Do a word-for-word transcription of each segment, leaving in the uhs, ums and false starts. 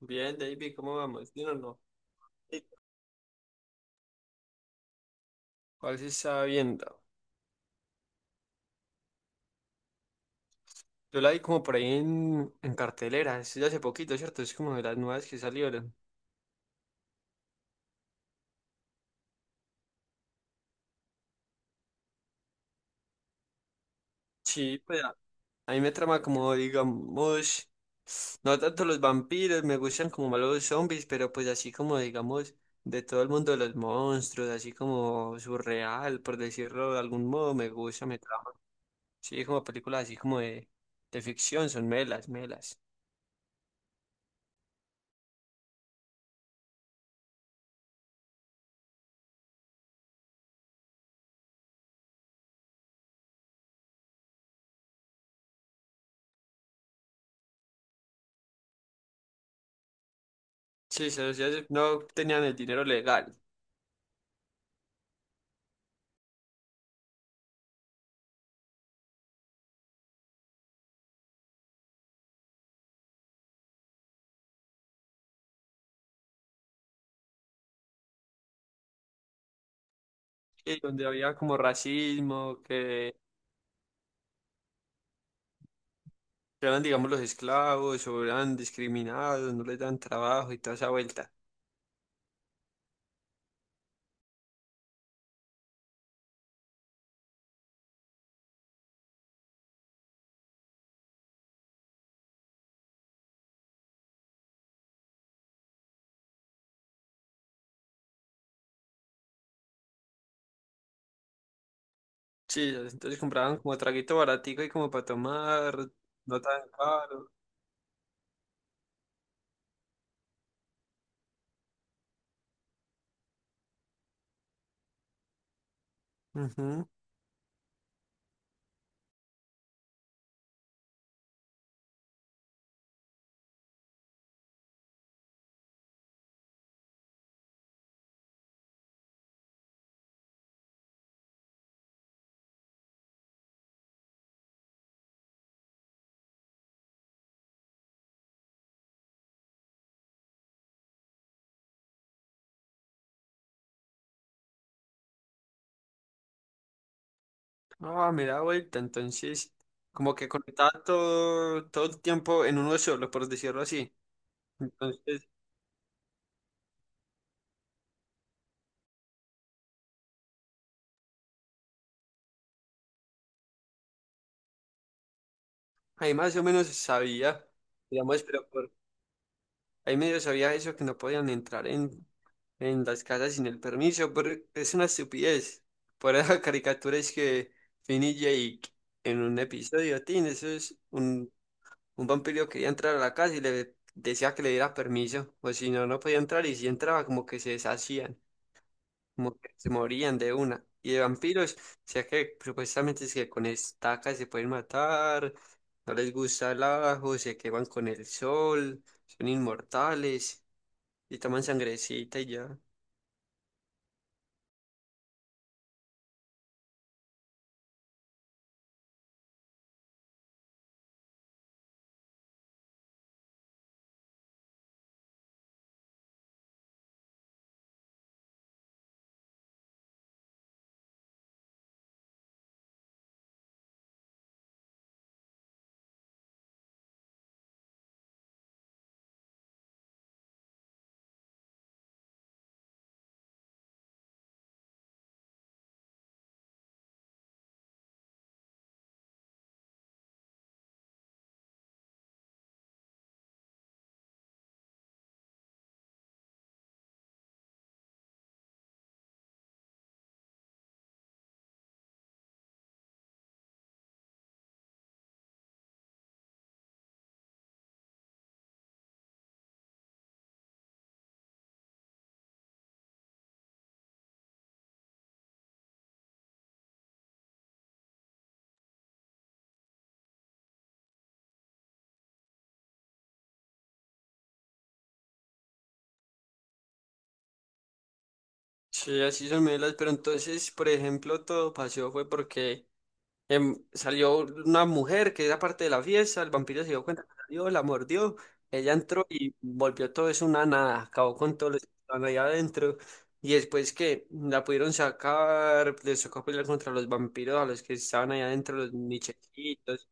Bien, David, ¿cómo vamos? ¿Bien o no? Sí. ¿Cuál se está viendo? Yo la vi como por ahí en, en cartelera, es de hace poquito, ¿cierto? Es como de las nuevas que salieron. Sí, pues a a mí me trama como, digamos, no tanto los vampiros, me gustan como más los zombies, pero pues así como, digamos, de todo el mundo de los monstruos, así como surreal, por decirlo de algún modo, me gusta, me trama. Sí, como películas así como de, de ficción, son melas, melas. Sí, se los- ya se- no tenían el dinero legal. Sí, donde había como racismo, que eran, digamos, los esclavos o eran discriminados, no les dan trabajo y toda esa vuelta. Sí, entonces compraban como traguito baratico y como para tomar, no tan caro. Ujú. Ah, me da vuelta, entonces como que conectaba todo, todo el tiempo en uno solo, por decirlo así. Entonces, ahí más o menos sabía, digamos, pero por, ahí medio sabía eso que no podían entrar en en las casas sin el permiso, pero es una estupidez. Por esas caricaturas que Finn y Jake en un episodio, Tin, eso es un, un vampiro quería entrar a la casa y le decía que le diera permiso, o si no, no podía entrar y si entraba como que se deshacían, como que se morían de una. Y de vampiros, o sea que supuestamente es que con estacas se pueden matar, no les gusta el ajo, se queman con el sol, son inmortales y toman sangrecita y ya. Sí, así son melas, pero entonces, por ejemplo, todo pasó fue porque em, salió una mujer que era parte de la fiesta, el vampiro se dio cuenta que salió, la mordió, ella entró y volvió todo eso una nada, acabó con todo lo que estaban ahí adentro, y después que la pudieron sacar, les tocó pelear contra los vampiros, a los que estaban ahí adentro, los nichecitos,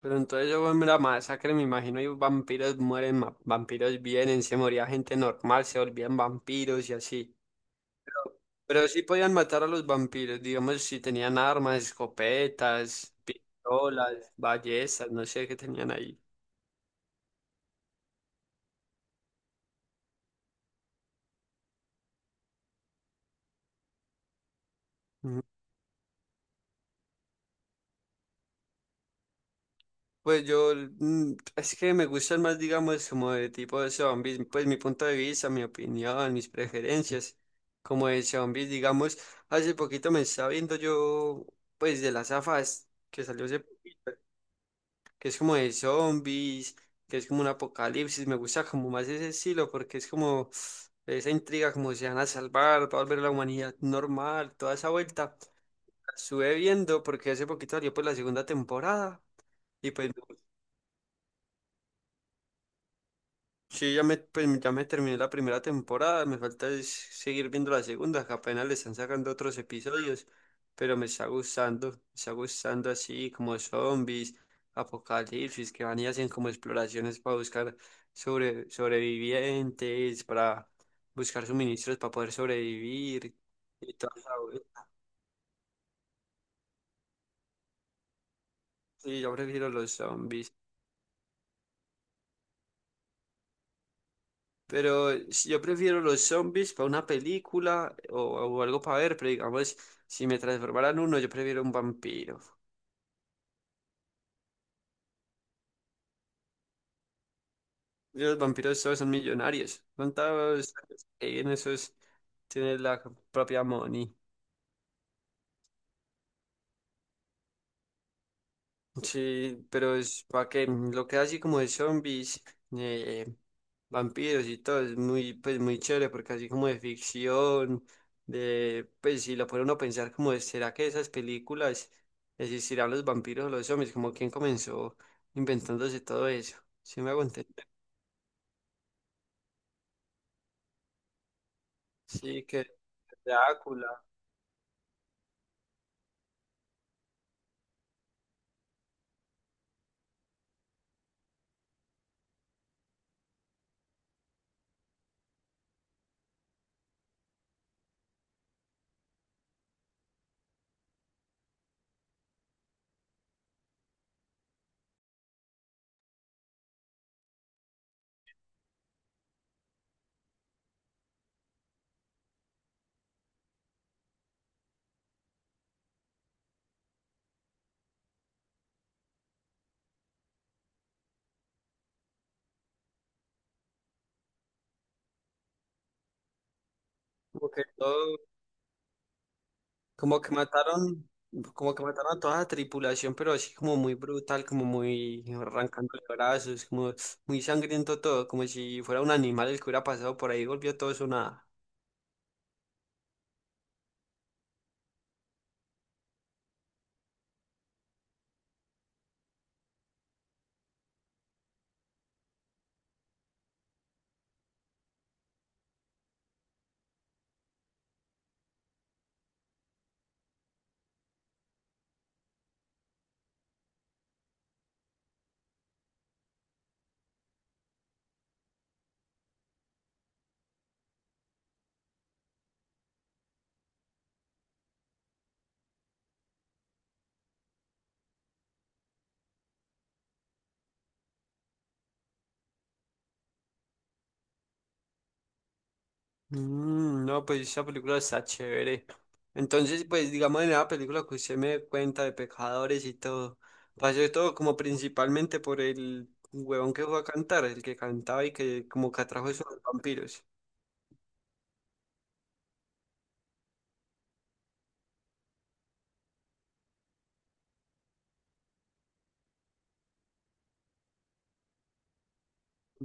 pero entonces eso fue la masacre, me imagino, y vampiros mueren, ma- vampiros vienen, se moría gente normal, se volvían vampiros y así. Pero sí podían matar a los vampiros, digamos, si tenían armas, escopetas, pistolas, ballestas, no sé qué tenían ahí. Ujú. Pues yo, mm, es que me gustan más, digamos, como de tipo de zombies, pues mi punto de vista, mi opinión, mis preferencias, como de zombies, digamos, hace poquito me estaba viendo yo, pues de las afas que salió hace poquito, que es como de zombies, que es como un apocalipsis. Me gusta como más ese estilo porque es como esa intriga, como se van a salvar, va a volver la humanidad normal, toda esa vuelta. La estuve viendo porque hace poquito salió pues la segunda temporada y pues sí, ya me, pues, ya me terminé la primera temporada, me falta es seguir viendo la segunda, que apenas le están sacando otros episodios, pero me está gustando, me está gustando así como zombies, apocalipsis, que van y hacen como exploraciones para buscar sobre, sobrevivientes, para buscar suministros para poder sobrevivir y toda esa vuelta. Sí, yo prefiero los zombies. Pero si yo prefiero los zombies para una película o, o algo para ver, pero digamos, si me transformaran uno, yo prefiero un vampiro. Y los vampiros todos son millonarios. Son todos en esos tienen la propia money. Sí, pero es para que ujú, lo que así como de zombies, eh, eh, vampiros y todo, es muy, pues muy chévere porque así como de ficción, de, pues si lo pone uno a pensar como de, ¿será que esas películas existirán los vampiros o los zombies? Como quién comenzó inventándose todo eso, ¿sí me hago entender? Sí, que Drácula, como que todo. Como que mataron, como que mataron a toda la tripulación, pero así como muy brutal, como muy arrancándole brazos, como muy sangriento todo, como si fuera un animal el que hubiera pasado por ahí y volvió todo eso nada. Mm, no, pues esa película está chévere. Entonces, pues digamos en la película que usted me dé cuenta de pecadores y todo, pasó todo como principalmente por el huevón que fue a cantar, el que cantaba y que como que atrajo eso a los vampiros,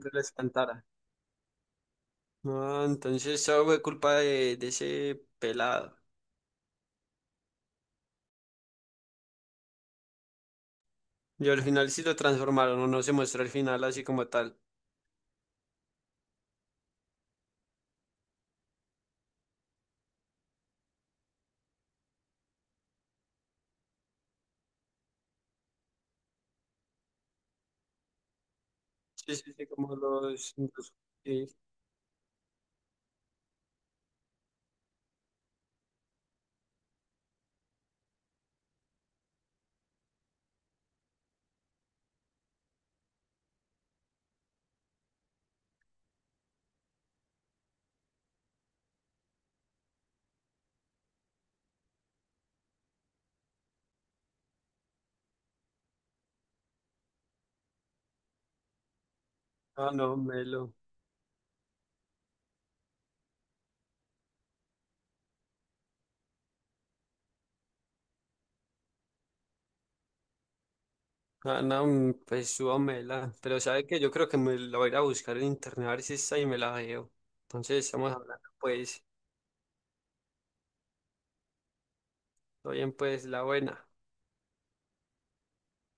que les cantara. Ah, entonces eso fue culpa de, de ese pelado. Y al final sí lo transformaron, o no se muestra el final así como tal. Sí, sí, sí, como los... los- sí. Ah, no, melo. Ah, no, mm, pues súbamela. Pero sabe que yo creo que me la voy a ir a buscar en internet a ver si está y me la veo. Entonces estamos hablando, pues. Todo bien, pues, la buena.